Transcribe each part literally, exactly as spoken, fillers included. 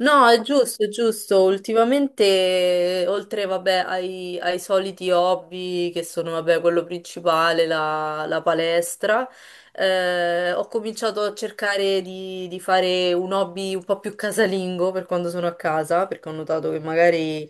No, è giusto, è giusto. Ultimamente, oltre, vabbè, ai, ai soliti hobby, che sono, vabbè, quello principale, la, la palestra, eh, ho cominciato a cercare di, di fare un hobby un po' più casalingo per quando sono a casa, perché ho notato che magari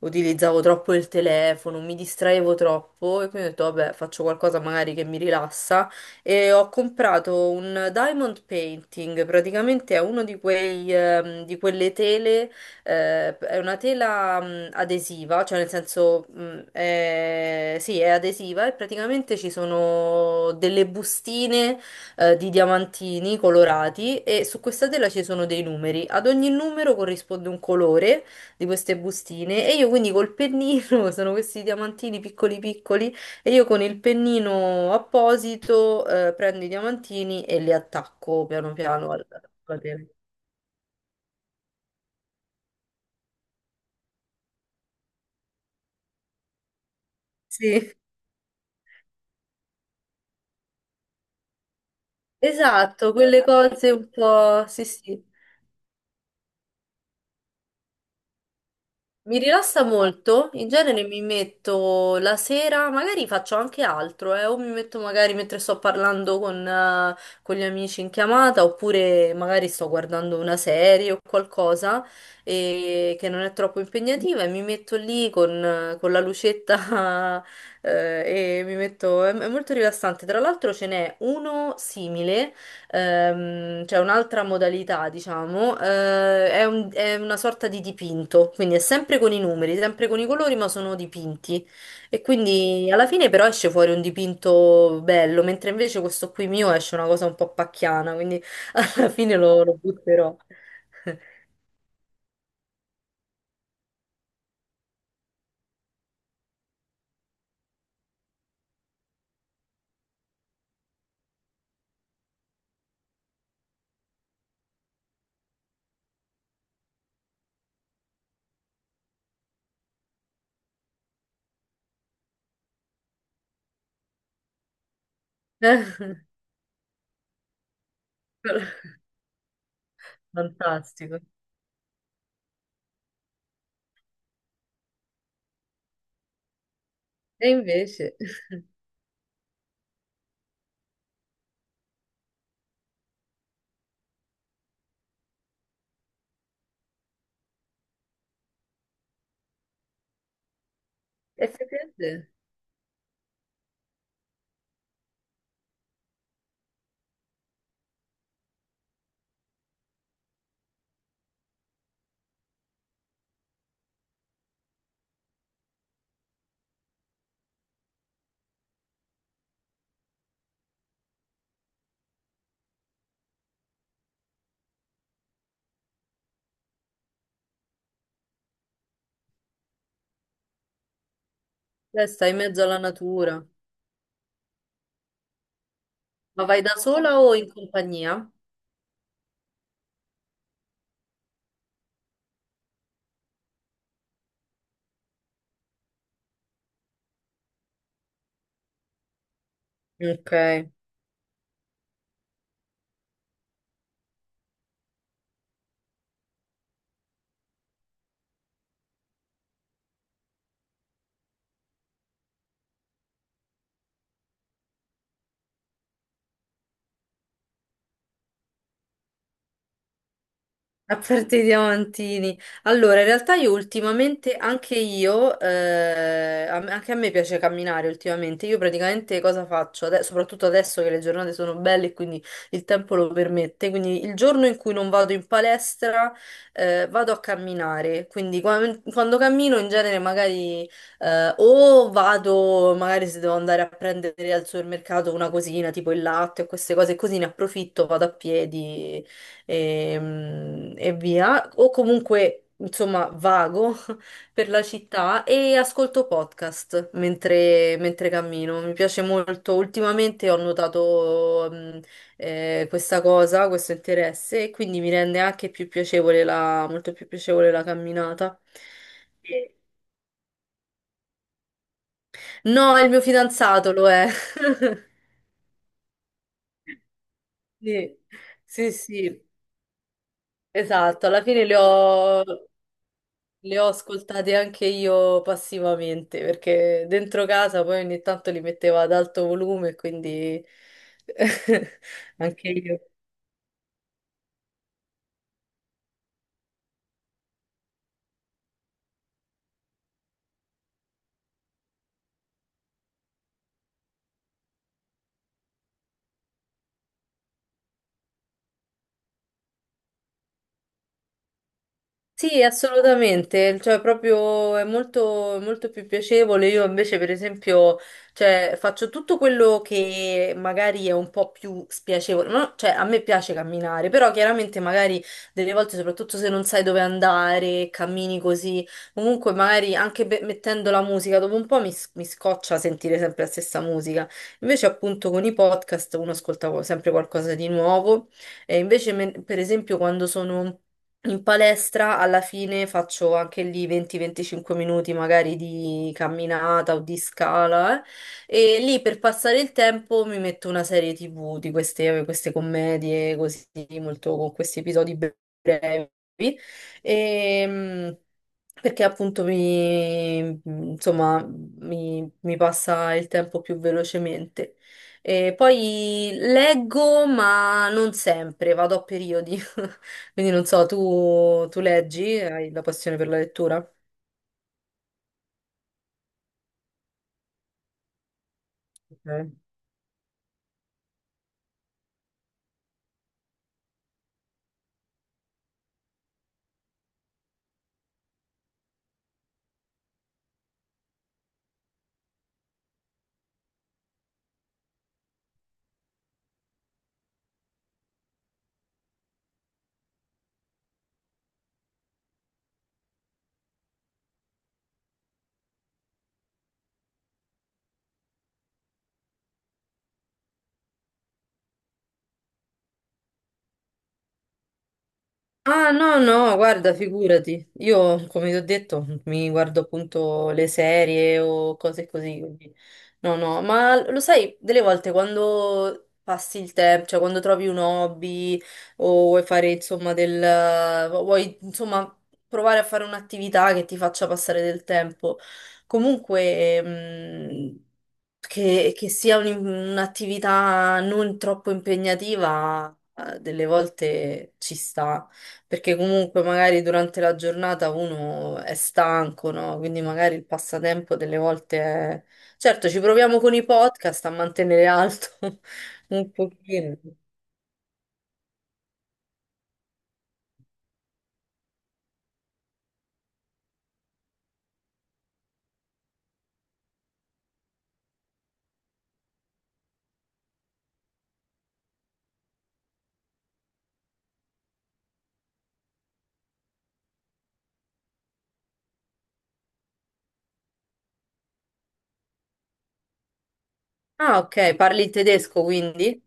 utilizzavo troppo il telefono, mi distraevo troppo e quindi ho detto, vabbè, faccio qualcosa magari che mi rilassa e ho comprato un diamond painting, praticamente è uno di quei, ehm, di quelle tele, eh, è una tela, mh, adesiva, cioè nel senso, mh, è- sì, è adesiva e praticamente ci sono delle bustine eh, di diamantini colorati e su questa tela ci sono dei numeri. Ad ogni numero corrisponde un colore di queste bustine e io quindi col pennino, sono questi diamantini piccoli piccoli, e io con il pennino apposito eh, prendo i diamantini e li attacco piano piano al al catene. Sì, esatto, quelle cose un po', sì sì. Mi rilassa molto, in genere mi metto la sera, magari faccio anche altro, eh, o mi metto magari mentre sto parlando con, eh, con gli amici in chiamata, oppure magari sto guardando una serie o qualcosa eh, che non è troppo impegnativa e mi metto lì con, eh, con la lucetta eh, e mi metto... È, è molto rilassante. Tra l'altro ce n'è uno simile. Ehm, c'è un'altra modalità, diciamo, eh, è un- è una sorta di dipinto, quindi è sempre con i numeri, sempre con i colori, ma sono dipinti. E quindi alla fine però esce fuori un dipinto bello, mentre invece questo qui mio esce una cosa un po' pacchiana, quindi alla fine lo, lo butterò. Fantastico. E invece, effettivamente, eh, stai in mezzo alla natura. Ma vai da sola o in compagnia? Ok. A parte i diamantini. Allora, in realtà io ultimamente, anche io, eh, a me- anche a me piace camminare ultimamente. Io praticamente cosa faccio? Ade- soprattutto adesso che le giornate sono belle e quindi il tempo lo permette. Quindi il giorno in cui non vado in palestra, eh, vado a camminare. Quindi qua- quando cammino in genere magari eh, o vado, magari se devo andare a prendere al supermercato una cosina, tipo il latte o queste cose così, ne approfitto, vado a piedi e, e via, o comunque insomma vago per la città e ascolto podcast mentre, mentre cammino. Mi piace molto. Ultimamente ho notato mh, eh, questa cosa, questo interesse, e quindi mi rende anche più piacevole la, molto più piacevole la camminata. Sì. No, il mio fidanzato lo è. Sì, sì, sì, esatto. Alla fine le ho. Le ho ascoltate anche io passivamente perché dentro casa poi ogni tanto li metteva ad alto volume, quindi anche io. Sì, assolutamente, cioè proprio è molto, molto più piacevole. Io invece, per esempio, cioè, faccio tutto quello che magari è un po' più spiacevole. No, cioè, a me piace camminare, però chiaramente magari delle volte, soprattutto se non sai dove andare, cammini così. Comunque, magari anche be- mettendo la musica, dopo un po' mi, s- mi scoccia sentire sempre la stessa musica. Invece, appunto, con i podcast uno ascolta sempre qualcosa di nuovo. E invece, me- per esempio, quando sono in palestra alla fine faccio anche lì venti venticinque minuti magari di camminata o di scala eh. E lì per passare il tempo mi metto una serie tivù di queste, queste commedie così molto con questi episodi brevi, Ehm, perché appunto mi insomma mi, mi passa il tempo più velocemente. E poi leggo ma non sempre, vado a periodi. Quindi non so, tu, tu leggi, hai la passione per la lettura? Ok. Ah, no, no, guarda, figurati. Io, come ti ho detto, mi guardo appunto le serie o cose così, quindi no, no, ma lo sai, delle volte quando passi il tempo, cioè quando trovi un hobby o vuoi fare, insomma, del... vuoi, insomma, provare a fare un'attività che ti faccia passare del tempo, comunque, mh, che, che sia un- un'attività non troppo impegnativa, eh, delle volte ci sta perché comunque magari durante la giornata uno è stanco, no? Quindi magari il passatempo delle volte è... Certo, ci proviamo con i podcast a mantenere alto un pochino. Ah, ok, parli il tedesco quindi?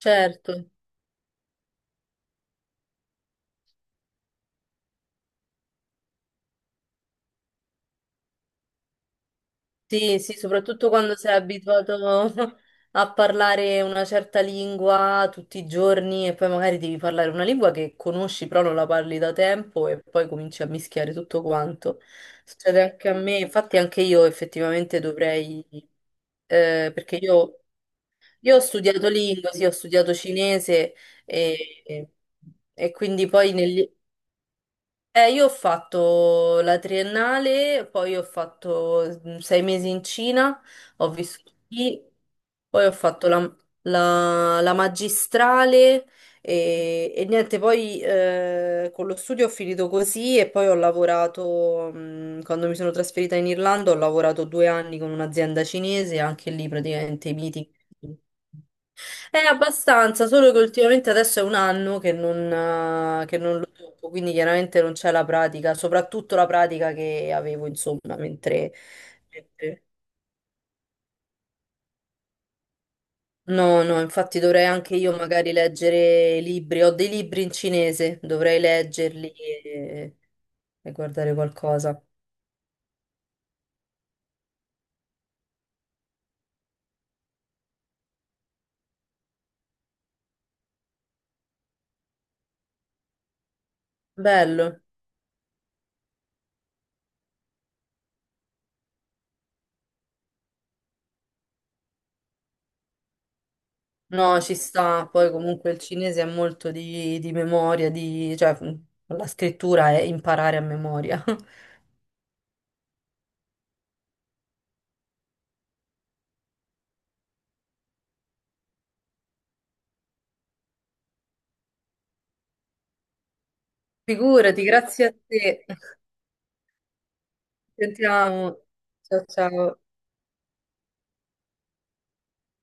Certo. Sì, sì, soprattutto quando sei abituato a parlare una certa lingua tutti i giorni e poi magari devi parlare una lingua che conosci però non la parli da tempo e poi cominci a mischiare tutto quanto. Succede anche a me, infatti anche io effettivamente dovrei, eh, perché io, io ho studiato lingua, sì, ho studiato cinese e, e- e quindi poi negli, eh, io ho fatto la triennale, poi ho fatto mm, sei mesi in Cina, ho vissuto lì, poi ho fatto la, la- la magistrale e, e niente, poi eh, con lo studio ho finito così e poi ho lavorato, mm, quando mi sono trasferita in Irlanda, ho lavorato due anni con un'azienda cinese, anche lì praticamente i meeting. È abbastanza, solo che ultimamente adesso è un anno che non, eh, che non lo tocco, quindi chiaramente non c'è la pratica, soprattutto la pratica che avevo, insomma, mentre... mentre- No, no, infatti dovrei anche io magari leggere libri, ho dei libri in cinese, dovrei leggerli e, e guardare qualcosa. Bello. No, ci sta, poi comunque il cinese è molto di, di memoria, di, cioè la scrittura è imparare a memoria. Figurati, grazie a te. Sentiamo. Ciao ciao.